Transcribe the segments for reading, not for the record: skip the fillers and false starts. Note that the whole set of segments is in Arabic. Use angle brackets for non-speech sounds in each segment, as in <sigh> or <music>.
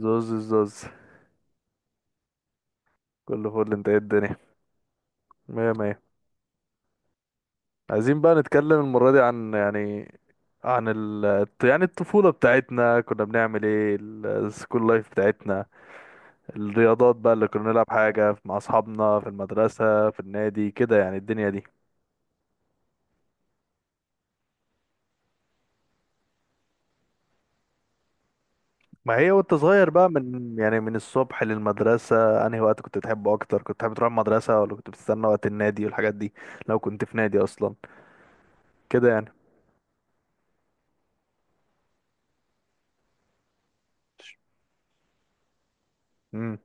زوز الزوز. كل فل، انت ايه الدنيا؟ مية مية. عايزين بقى نتكلم المرة دي عن، يعني عن ال يعني الطفولة بتاعتنا، كنا بنعمل ايه؟ السكول لايف بتاعتنا، الرياضات بقى اللي كنا نلعب، حاجة مع أصحابنا في المدرسة، في النادي كده، يعني الدنيا دي. ما هي وانت صغير بقى، من الصبح للمدرسة انهي وقت كنت تحبه أكتر؟ كنت تحب تروح المدرسة، ولا كنت بتستنى وقت النادي والحاجات دي؟ لو كنت في نادي أصلا، كده يعني. امم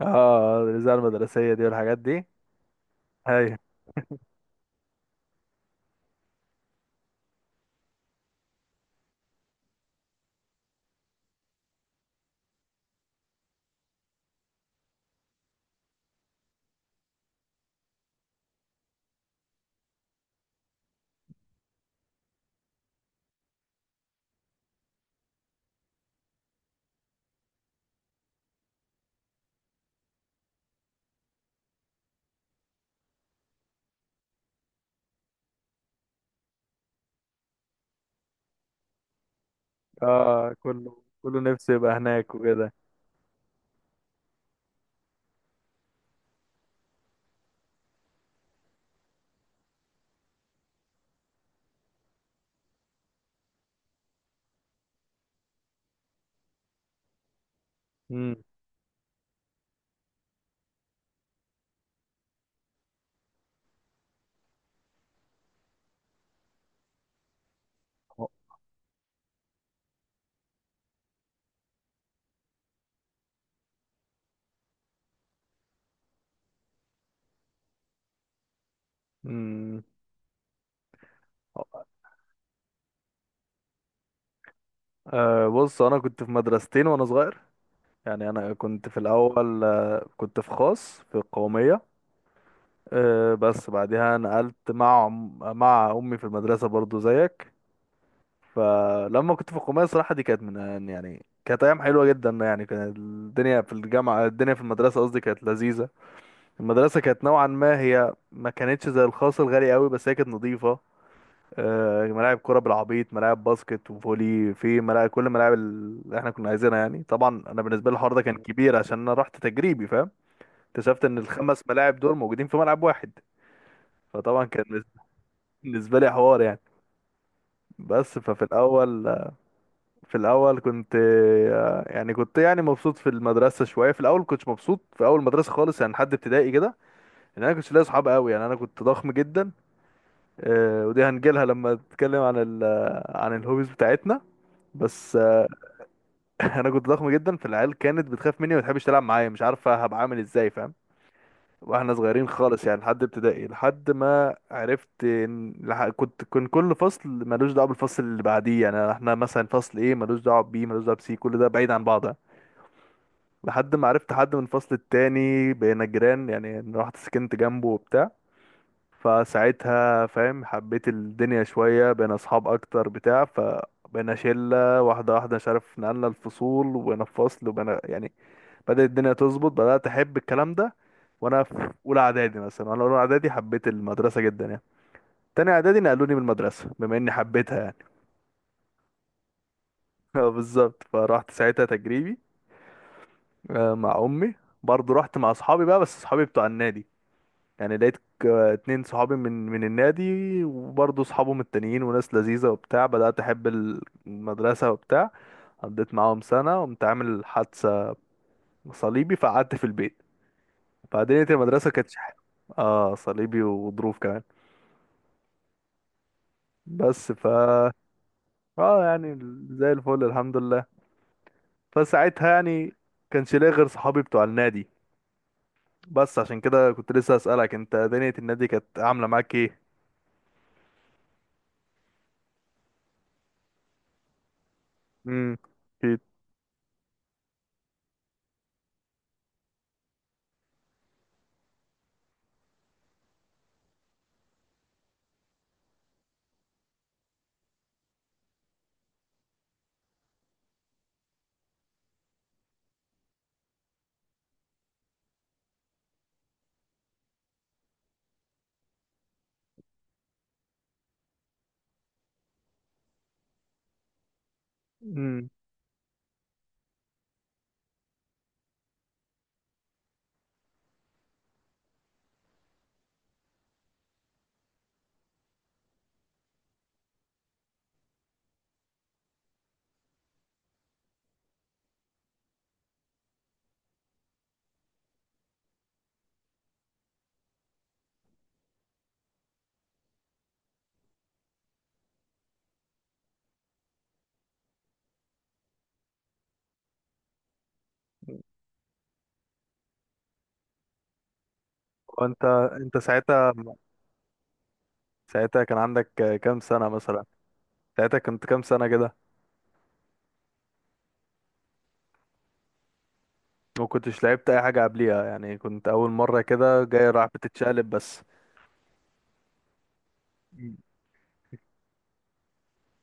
اه الاذاعه المدرسيه دي والحاجات دي. ايوه. اه، كله نفسه يبقى هناك وكده. امم. امم. آه، بص انا كنت في مدرستين وانا صغير. يعني انا كنت في الاول، كنت في خاص في القوميه. بس بعدها نقلت مع امي في المدرسه، برضو زيك. فلما كنت في القوميه، صراحه دي كانت من، كانت ايام حلوه جدا يعني. كانت الدنيا في الجامعه، الدنيا في المدرسه قصدي، كانت لذيذه. المدرسه كانت نوعا ما، هي ما كانتش زي الخاص الغالي قوي، بس هي كانت نظيفه. ملاعب كرة بالعبيط، ملاعب باسكت وفولي، في ملاعب، كل ملاعب اللي احنا كنا عايزينها يعني. طبعا انا بالنسبة لي الحوار ده كان كبير، عشان انا رحت تجريبي، فاهم؟ اكتشفت ان الخمس ملاعب دول موجودين في ملعب واحد. فطبعا كان بالنسبة لي حوار يعني. بس ففي الاول، في الاول كنت، يعني كنت يعني مبسوط في المدرسة شوية. في الاول كنتش مبسوط في اول مدرسة خالص يعني، لحد ابتدائي كده. لان انا كنتش لاقي صحاب قوي يعني. انا كنت ضخم جدا، ودي هنجيلها لما اتكلم عن عن الهوبيز بتاعتنا، بس. <laughs> انا كنت ضخم جدا، فالعيال كانت بتخاف مني وما تحبش تلعب معايا، مش عارفه هبقى عامل ازاي، فاهم؟ واحنا صغيرين خالص يعني، لحد ابتدائي، لحد ما عرفت كنت كان كل فصل ملوش دعوه بالفصل اللي بعديه، يعني احنا مثلا فصل ايه ملوش دعوه بي، ملوش دعوه بسي، كل ده بعيد عن بعض. لحد ما عرفت حد من الفصل التاني بقينا جيران، يعني أنا رحت سكنت جنبه وبتاع. فساعتها فاهم حبيت الدنيا شويه، بقينا اصحاب اكتر بتاع، ف، بقينا شلة واحدة. مش عارف نقلنا الفصول وبقينا في فصل وبقينا يعني، بدأت الدنيا تظبط، بدأت أحب الكلام ده. وأنا في أولى إعدادي مثلا، وأنا أولى إعدادي حبيت المدرسة جدا يعني. تاني إعدادي نقلوني من المدرسة بما إني حبيتها يعني. <laughs> بالظبط، فرحت ساعتها تجريبي، مع أمي. برضه رحت مع أصحابي بقى، بس أصحابي بتوع النادي يعني. لقيت اتنين صحابي من النادي، وبرضه أصحابهم التانيين وناس لذيذة وبتاع. بدأت أحب المدرسة وبتاع. قضيت معاهم سنة وقمت عامل حادثة صليبي، فقعدت في البيت. فدنيا المدرسة اه، صليبي وظروف كمان، بس ف. اه يعني زي الفل الحمد لله. فساعتها يعني، كانش ليا غير صحابي بتوع النادي. بس عشان كده كنت لسه اسالك، انت دنيا النادي كانت عامله معاك ايه؟ امم. اكيد. امم. وانت انت ساعتها ساعتها كان عندك كام سنه مثلا؟ ساعتها كنت كام سنه كده؟ ما كنتش لعبت اي حاجه قبليها يعني، كنت اول مره كده جاي راح بتتشقلب بس.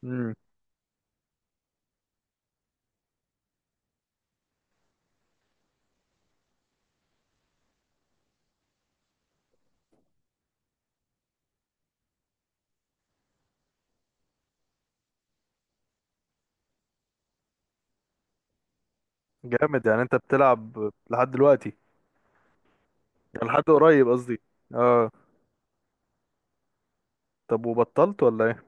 امم. جامد، يعني انت بتلعب لحد دلوقتي؟ يعني لحد قريب قصدي. اه. طب وبطلت ولا ايه؟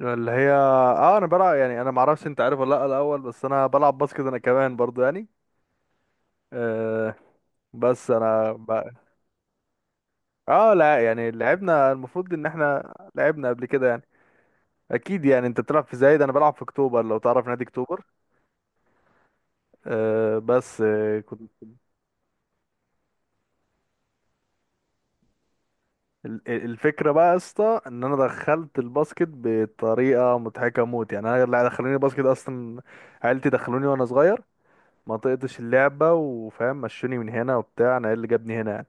اللي هي، انا بلعب يعني، انا معرفش انت عارف ولا لا الاول، بس انا بلعب باسكت انا كمان برضو يعني. آه، بس انا ب... اه، لا يعني لعبنا، المفروض ان احنا لعبنا قبل كده يعني. اكيد يعني، انت بتلعب في زايد، انا بلعب في اكتوبر، لو تعرف نادي اكتوبر. آه، بس كنت. الفكره بقى يا اسطى، ان انا دخلت الباسكت بطريقه مضحكه موت يعني. انا اللي دخلوني الباسكت اصلا، عيلتي دخلوني وانا صغير. ما طقتش اللعبه، وفاهم مشوني من هنا وبتاع، انا إيه اللي جابني هنا يعني.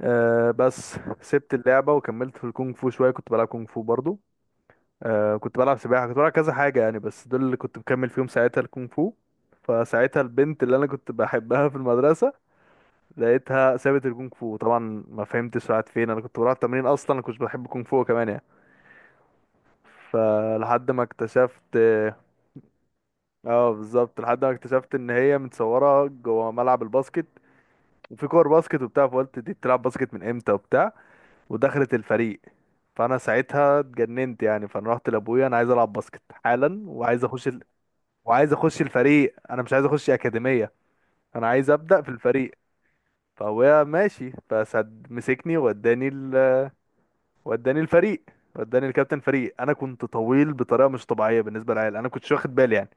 أه، بس سبت اللعبة وكملت في الكونغ فو شوية، كنت بلعب كونغ فو برضو. أه، كنت بلعب سباحة، كنت بلعب كذا حاجة يعني، بس دول اللي كنت مكمل فيهم ساعتها الكونغ فو. فساعتها البنت اللي أنا كنت بحبها في المدرسة، لقيتها سابت الكونغ فو طبعا. ما فهمتش راحت فين. أنا كنت بروح التمرين أصلا، أنا كنت بحب الكونغ فو كمان يعني. فلحد ما اكتشفت. اه، بالظبط، لحد ما اكتشفت ان هي متصوره جوه ملعب الباسكت، وفي كور باسكت وبتاع، فقلت دي بتلعب باسكت من امتى وبتاع. ودخلت الفريق. فانا ساعتها اتجننت يعني، فانا رحت لابويا: انا عايز العب باسكت حالا، وعايز اخش ال... وعايز اخش الفريق، انا مش عايز اخش اكاديميه، انا عايز ابدا في الفريق. فابويا ماشي، فسد مسكني ووداني ال... وداني الفريق. وداني الكابتن فريق. انا كنت طويل بطريقه مش طبيعيه بالنسبه للعيال، انا كنتش واخد بالي يعني.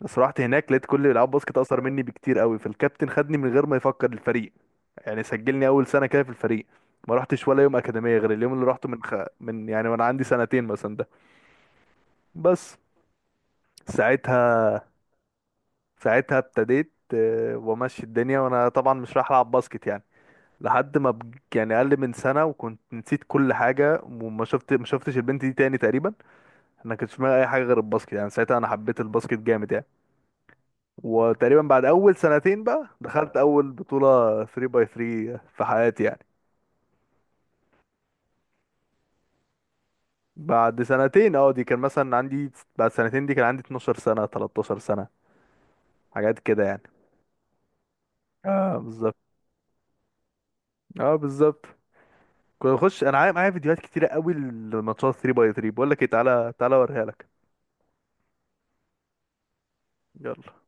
بس رحت هناك لقيت كل اللي بيلعبوا باسكت اقصر مني بكتير قوي، فالكابتن خدني من غير ما يفكر، الفريق. يعني سجلني اول سنه كده في الفريق. ما رحتش ولا يوم اكاديميه غير اليوم اللي رحته من، يعني وانا عندي سنتين مثلا ده. بس. ساعتها، ابتديت، وامشي الدنيا، وانا طبعا مش رايح العب باسكت يعني. لحد ما يعني اقل من سنه، وكنت نسيت كل حاجه، وما شفت ما شفتش البنت دي تاني تقريبا. انا كنت في دماغي اي حاجه غير الباسكت يعني، ساعتها انا حبيت الباسكت جامد يعني. وتقريبا بعد اول سنتين بقى، دخلت اول بطوله 3 باي 3 في حياتي يعني. بعد سنتين، اه، دي كان مثلا عندي. بعد سنتين دي، كان عندي 12 سنة، 13 سنة، حاجات كده يعني. اه، بالظبط. اه، بالظبط. كنت بخش انا، معايا فيديوهات كتيرة قوي لماتشات 3 باي 3. بقول لك ايه، تعالى تعالى اوريها لك. يلا.